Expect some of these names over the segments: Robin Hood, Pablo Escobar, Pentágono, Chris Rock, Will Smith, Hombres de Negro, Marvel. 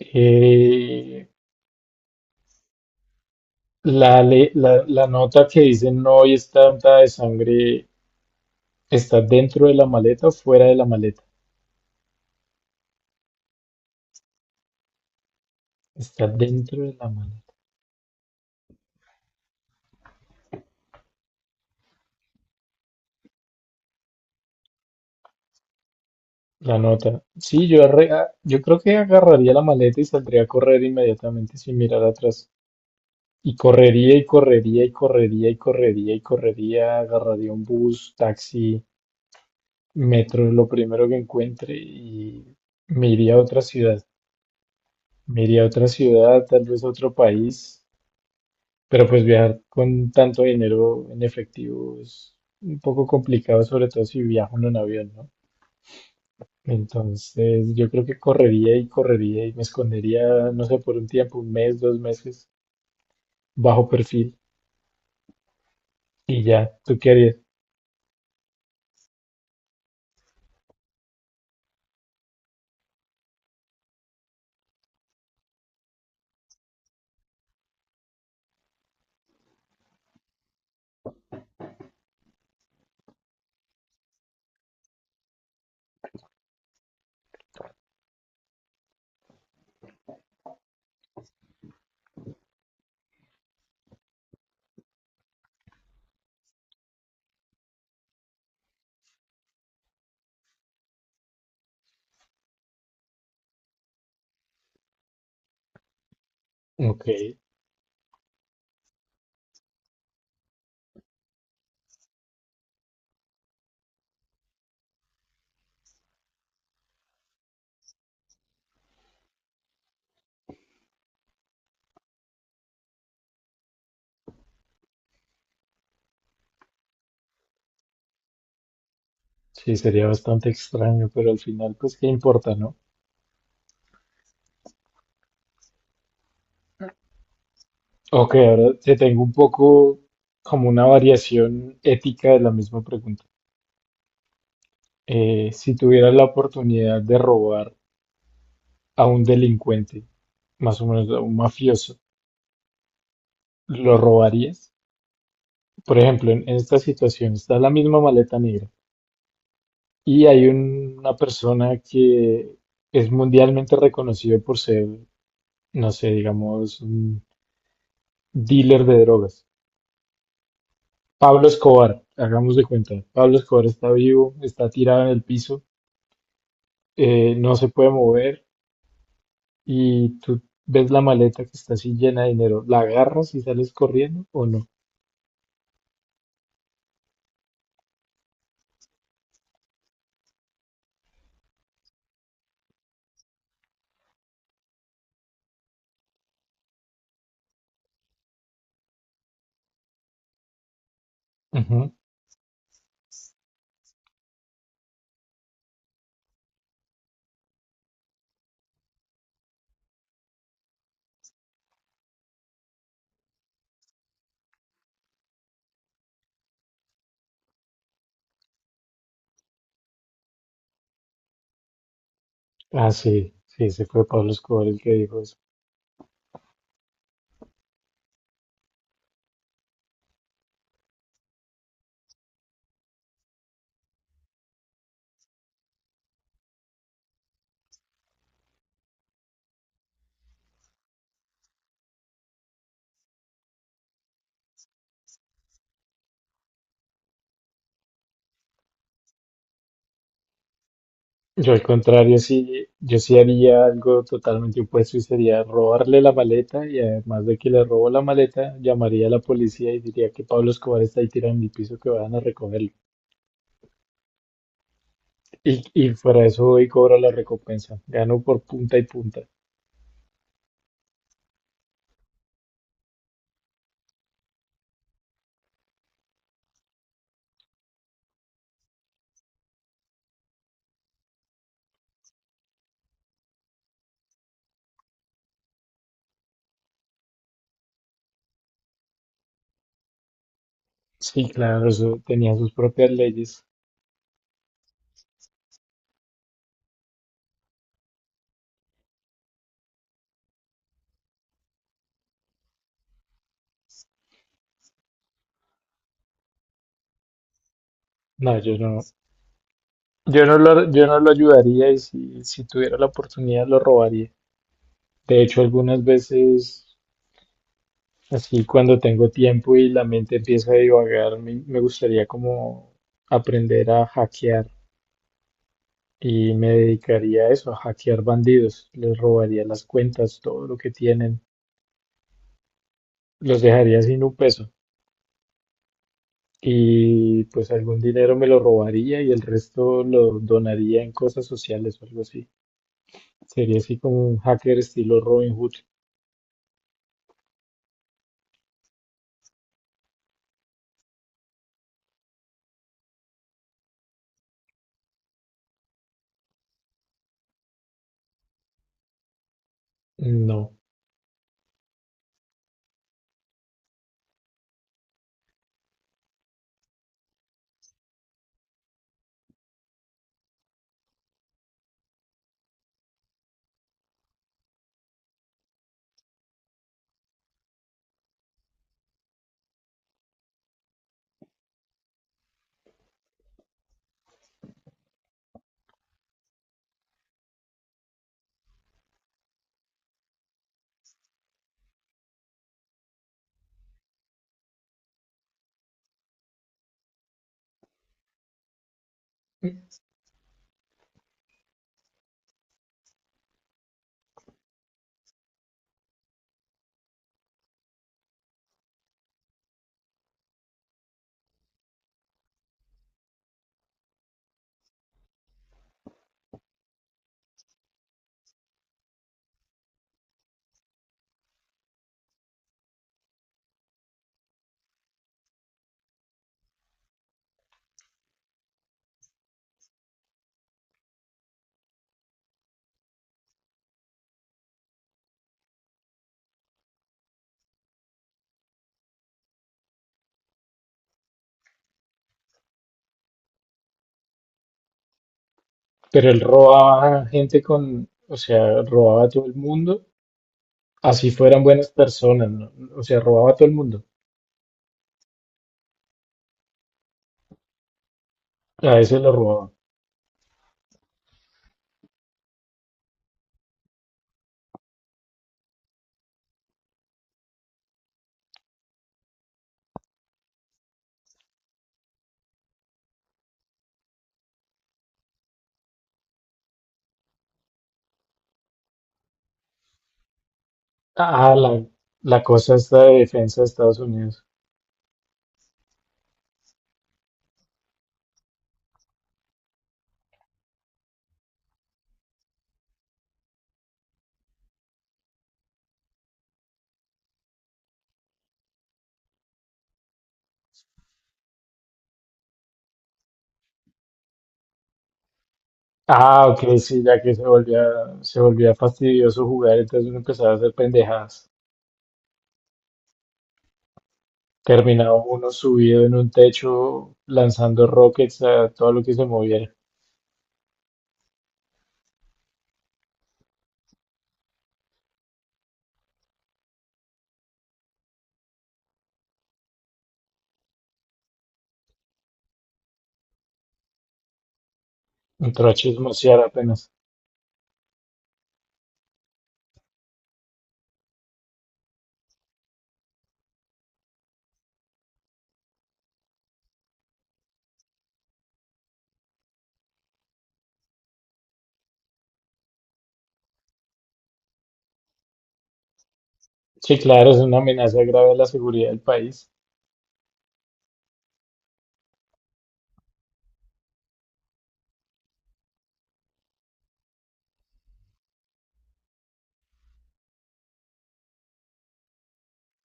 Eh, la nota que dice no y está untada de sangre está dentro de la maleta o fuera de la maleta. Está dentro de la maleta. La nota. Sí, yo creo que agarraría la maleta y saldría a correr inmediatamente sin mirar atrás. Y correría y correría y correría y correría y correría. Agarraría un bus, taxi, metro, lo primero que encuentre y me iría a otra ciudad. Me iría a otra ciudad, tal vez a otro país. Pero pues viajar con tanto dinero en efectivo es un poco complicado, sobre todo si viajo uno en un avión, ¿no? Entonces yo creo que correría y correría y me escondería, no sé, por un tiempo, un mes, dos meses, bajo perfil y ya, ¿tú qué harías? Ok, sí, sería bastante extraño, pero al final pues qué importa, ¿no? Ok, ahora te tengo un poco como una variación ética de la misma pregunta. Si tuvieras la oportunidad de robar a un delincuente, más o menos a un mafioso, ¿lo robarías? Por ejemplo, en esta situación está la misma maleta negra y hay una persona que es mundialmente reconocido por ser, no sé, digamos, un dealer de drogas. Pablo Escobar, hagamos de cuenta, Pablo Escobar está vivo, está tirado en el piso, no se puede mover y tú ves la maleta que está así llena de dinero, ¿la agarras y sales corriendo o no? Ah, sí, sí, se fue Pablo Escobar el que dijo eso. Yo al contrario, sí, yo sí haría algo totalmente opuesto y sería robarle la maleta y además de que le robo la maleta, llamaría a la policía y diría que Pablo Escobar está ahí tirado en el piso que vayan a recogerlo. Y fuera de eso voy y cobro la recompensa. Gano por punta y punta. Sí, claro, eso tenía sus propias leyes. No, yo no lo ayudaría y si tuviera la oportunidad lo robaría. De hecho, algunas veces, así cuando tengo tiempo y la mente empieza a divagar, me gustaría como aprender a hackear y me dedicaría a eso, a hackear bandidos. Les robaría las cuentas, todo lo que tienen, los dejaría sin un peso y pues algún dinero me lo robaría y el resto lo donaría en cosas sociales o algo así. Sería así como un hacker estilo Robin Hood. No, pero él robaba gente con, o sea, robaba a todo el mundo, así fueran buenas personas, ¿no? O sea, robaba a todo el mundo. A ese lo robaba. Ah, la cosa esta de defensa de Estados Unidos. Ah, ok, sí, ya que se volvía fastidioso jugar, entonces uno empezaba a hacer pendejadas. Terminaba uno subido en un techo lanzando rockets a todo lo que se moviera. Entró a chismosear apenas. Sí, claro, es una amenaza grave a la seguridad del país.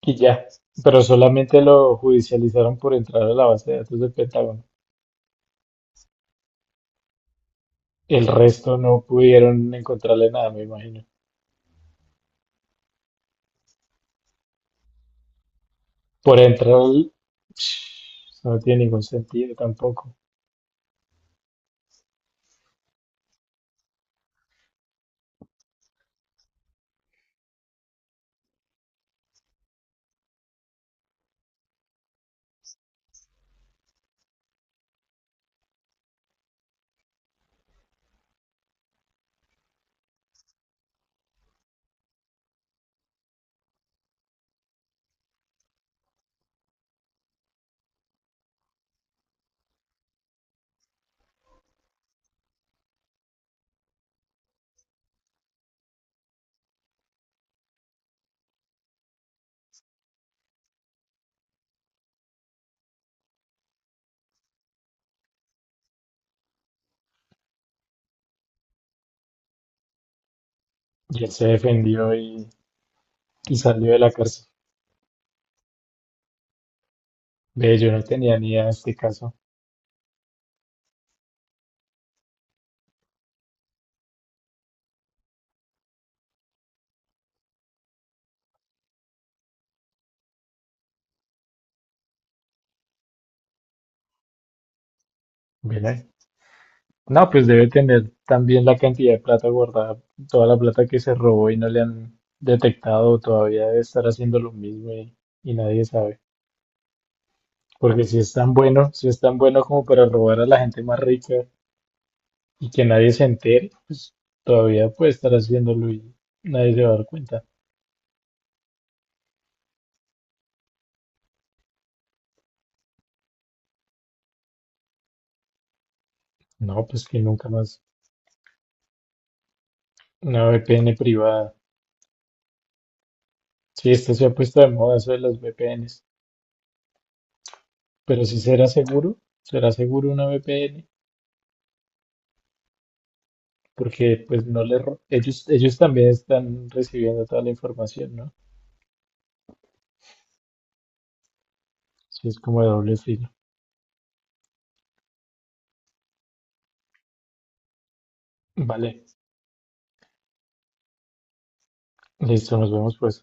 Y ya. Pero solamente lo judicializaron por entrar a la base de datos del Pentágono. El resto no pudieron encontrarle nada, me imagino. Por entrar, eso no tiene ningún sentido tampoco. Y él se defendió y salió de la cárcel. Ve, yo no tenía ni idea de este caso. Ven ahí. No, pues debe tener también la cantidad de plata guardada, toda la plata que se robó y no le han detectado, todavía debe estar haciendo lo mismo y nadie sabe. Porque si es tan bueno, si es tan bueno como para robar a la gente más rica, y que nadie se entere, pues todavía puede estar haciéndolo y nadie se va a dar cuenta. No, pues que nunca más una VPN privada. Sí, esto se ha puesto de moda eso de las VPNs, pero si será seguro, una VPN, porque pues no le ro- ellos ellos también están recibiendo toda la información, ¿no? Sí, es como de doble filo. Vale, listo, nos vemos pues.